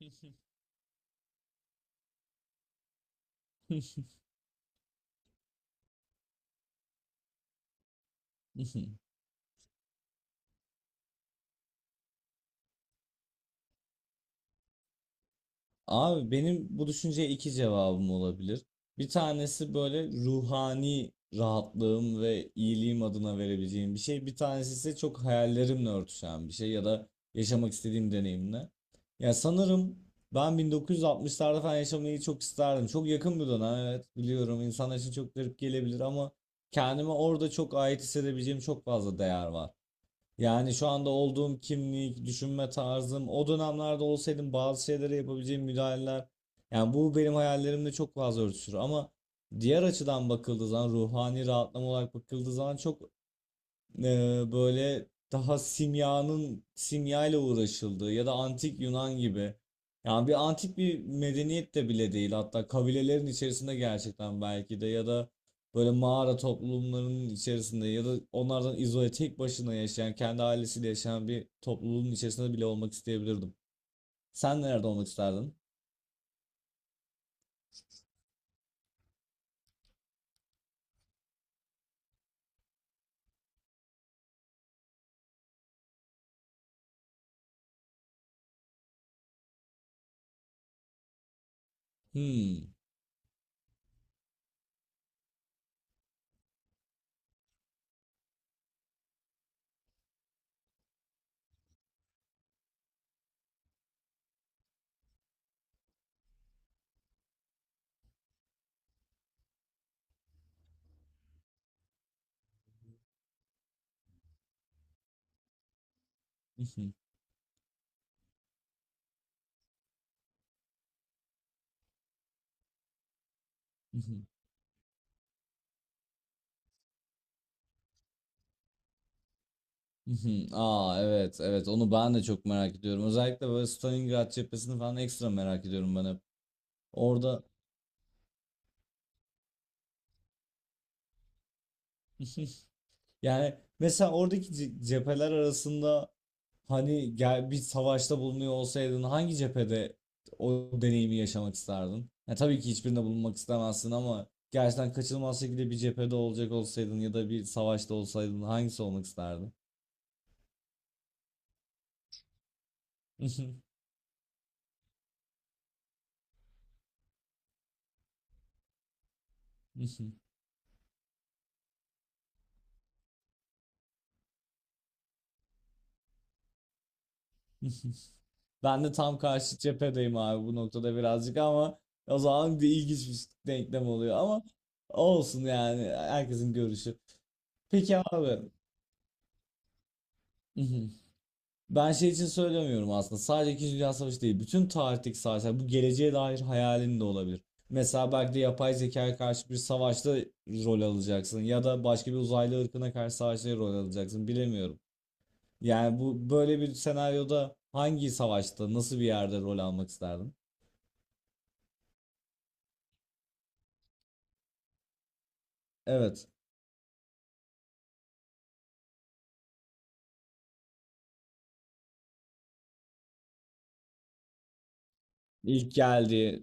Abi benim bu düşünceye iki cevabım olabilir. Bir tanesi böyle ruhani rahatlığım ve iyiliğim adına verebileceğim bir şey. Bir tanesi ise çok hayallerimle örtüşen bir şey ya da yaşamak istediğim deneyimle. Ya sanırım ben 1960'larda falan yaşamayı çok isterdim. Çok yakın bir dönem, evet biliyorum, insanlar için çok garip gelebilir ama kendime orada çok ait hissedebileceğim çok fazla değer var. Yani şu anda olduğum kimlik, düşünme tarzım, o dönemlerde olsaydım bazı şeylere yapabileceğim müdahaleler. Yani bu benim hayallerimle çok fazla örtüşür ama diğer açıdan bakıldığı zaman, ruhani rahatlama olarak bakıldığı zaman çok böyle daha simyanın simyayla uğraşıldığı ya da antik Yunan gibi. Yani bir antik bir medeniyet de bile değil, hatta kabilelerin içerisinde gerçekten, belki de, ya da böyle mağara toplumlarının içerisinde ya da onlardan izole tek başına yaşayan, kendi ailesiyle yaşayan bir topluluğun içerisinde bile olmak isteyebilirdim. Sen nerede olmak isterdin? Hmm. Aa, evet, evet, onu ben de çok merak ediyorum. Özellikle böyle Stalingrad cephesini falan ekstra merak ediyorum ben hep. Orada. Yani mesela oradaki cepheler arasında, hani gel bir savaşta bulunuyor olsaydın, hangi cephede o deneyimi yaşamak isterdin? Ya tabii ki hiçbirinde bulunmak istemezsin ama gerçekten kaçınılmaz şekilde bir cephede olacak olsaydın ya da bir savaşta olsaydın, hangisi olmak isterdin? Ben de tam karşı cephedeyim abi bu noktada birazcık ama o zaman bir ilginç bir denklem oluyor ama olsun, yani herkesin görüşü. Peki abi. Ben şey için söylemiyorum aslında. Sadece İkinci Dünya Savaşı değil. Bütün tarihteki savaşlar. Bu geleceğe dair hayalin de olabilir. Mesela belki de yapay zekaya karşı bir savaşta rol alacaksın. Ya da başka bir uzaylı ırkına karşı savaşta rol alacaksın. Bilemiyorum. Yani bu böyle bir senaryoda hangi savaşta, nasıl bir yerde rol almak isterdin? Evet. İlk geldiği.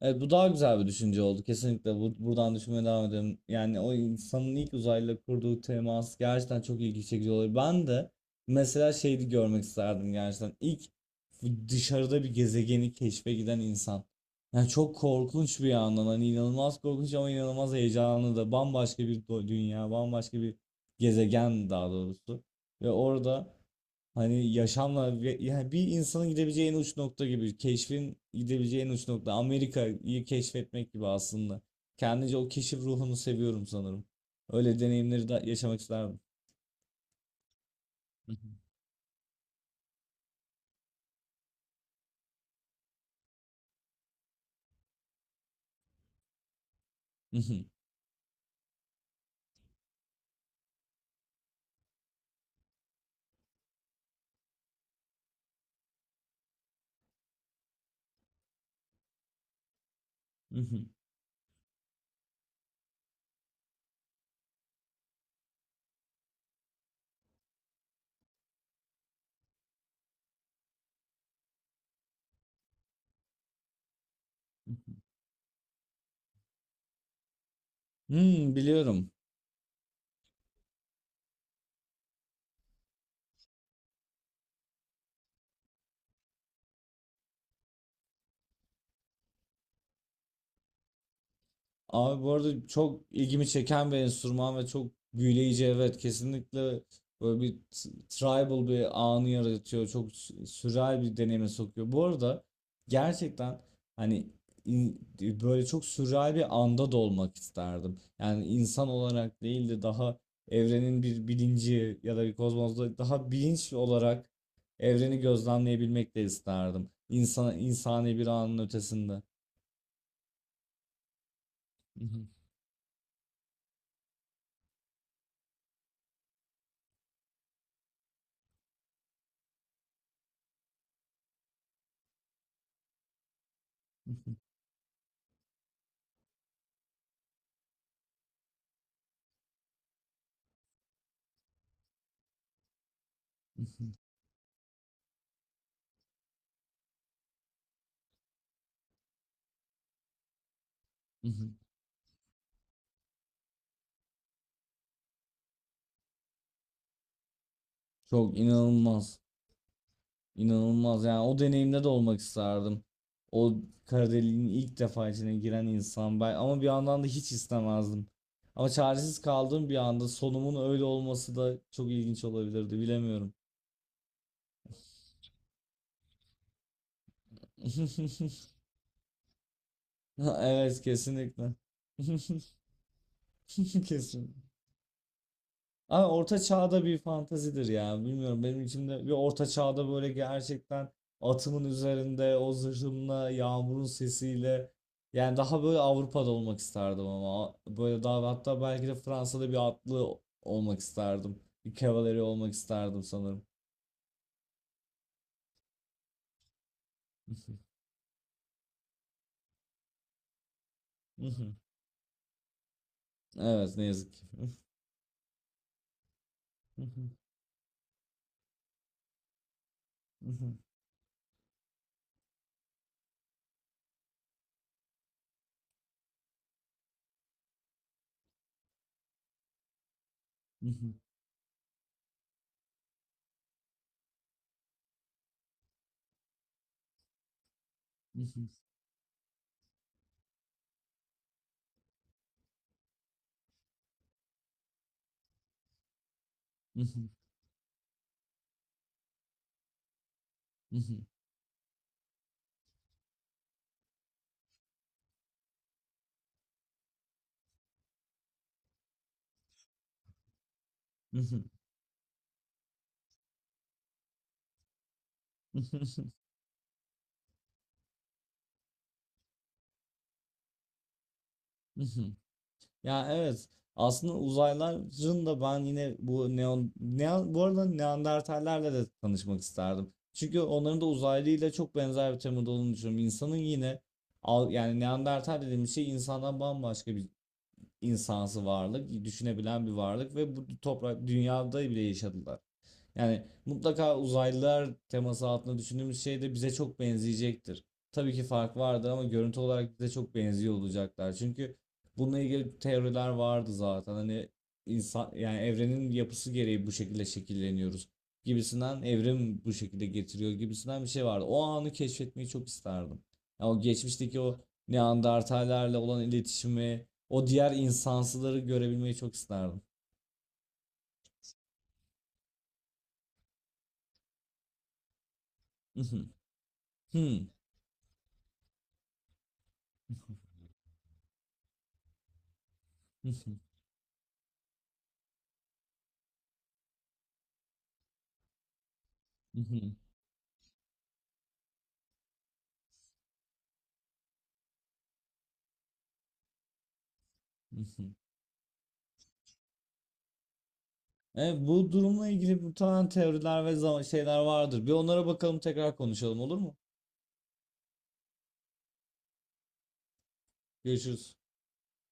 Evet, bu daha güzel bir düşünce oldu. Kesinlikle bu, buradan düşünmeye devam edelim. Yani o insanın ilk uzayla kurduğu temas gerçekten çok ilgi çekici oluyor. Ben de mesela şeydi görmek isterdim gerçekten. İlk dışarıda bir gezegeni keşfe giden insan. Yani çok korkunç bir yandan, hani inanılmaz korkunç ama inanılmaz heyecanlı da, bambaşka bir dünya, bambaşka bir gezegen daha doğrusu. Ve orada, hani yaşamla yani bir insanın gidebileceği en uç nokta gibi, keşfin gidebileceği en uç nokta Amerika'yı keşfetmek gibi aslında. Kendince o keşif ruhunu seviyorum sanırım. Öyle deneyimleri de yaşamak isterdim. Hmm, biliyorum. Abi bu arada çok ilgimi çeken bir enstrüman ve çok büyüleyici, evet kesinlikle böyle bir tribal bir anı yaratıyor, çok sürreal bir deneyime sokuyor. Bu arada gerçekten, hani böyle çok sürreal bir anda da olmak isterdim. Yani insan olarak değil de daha evrenin bir bilinci ya da bir kozmozda daha bilinç olarak evreni gözlemleyebilmek de isterdim. İnsan, insani bir anın ötesinde. Çok inanılmaz. İnanılmaz. Yani o deneyimde de olmak isterdim. O kara deliğin ilk defa içine giren insan ben, ama bir yandan da hiç istemezdim. Ama çaresiz kaldığım bir anda sonumun öyle olması da çok ilginç olabilirdi. Bilemiyorum. Evet, kesinlikle. Kesin. Abi orta çağda bir fantazidir ya. Bilmiyorum, benim içimde bir orta çağda böyle gerçekten atımın üzerinde o zırhımla yağmurun sesiyle, yani daha böyle Avrupa'da olmak isterdim ama böyle daha, hatta belki de Fransa'da bir atlı olmak isterdim. Bir kavaleri olmak isterdim sanırım. Evet, ne yazık ki. Ya evet. Aslında uzaylıların da, ben yine bu neon, neon bu arada Neandertallerle de tanışmak isterdim. Çünkü onların da uzaylıyla çok benzer bir temada olduğunu düşünüyorum. İnsanın yine, yani Neandertal dediğimiz şey insandan bambaşka bir insansı varlık, düşünebilen bir varlık ve bu toprak dünyada bile yaşadılar. Yani mutlaka uzaylılar teması altında düşündüğümüz şey de bize çok benzeyecektir. Tabii ki fark vardır ama görüntü olarak bize çok benziyor olacaklar. Çünkü bununla ilgili teoriler vardı zaten. Hani insan, yani evrenin yapısı gereği bu şekilde şekilleniyoruz gibisinden, evrim bu şekilde getiriyor gibisinden bir şey vardı. O anı keşfetmeyi çok isterdim. Ya o geçmişteki o Neandertallerle olan iletişimi, o diğer insansıları görebilmeyi çok isterdim. Evet, bu durumla ilgili muhtemelen teoriler ve şeyler vardır. Bir onlara bakalım, tekrar konuşalım, olur mu? Görüşürüz.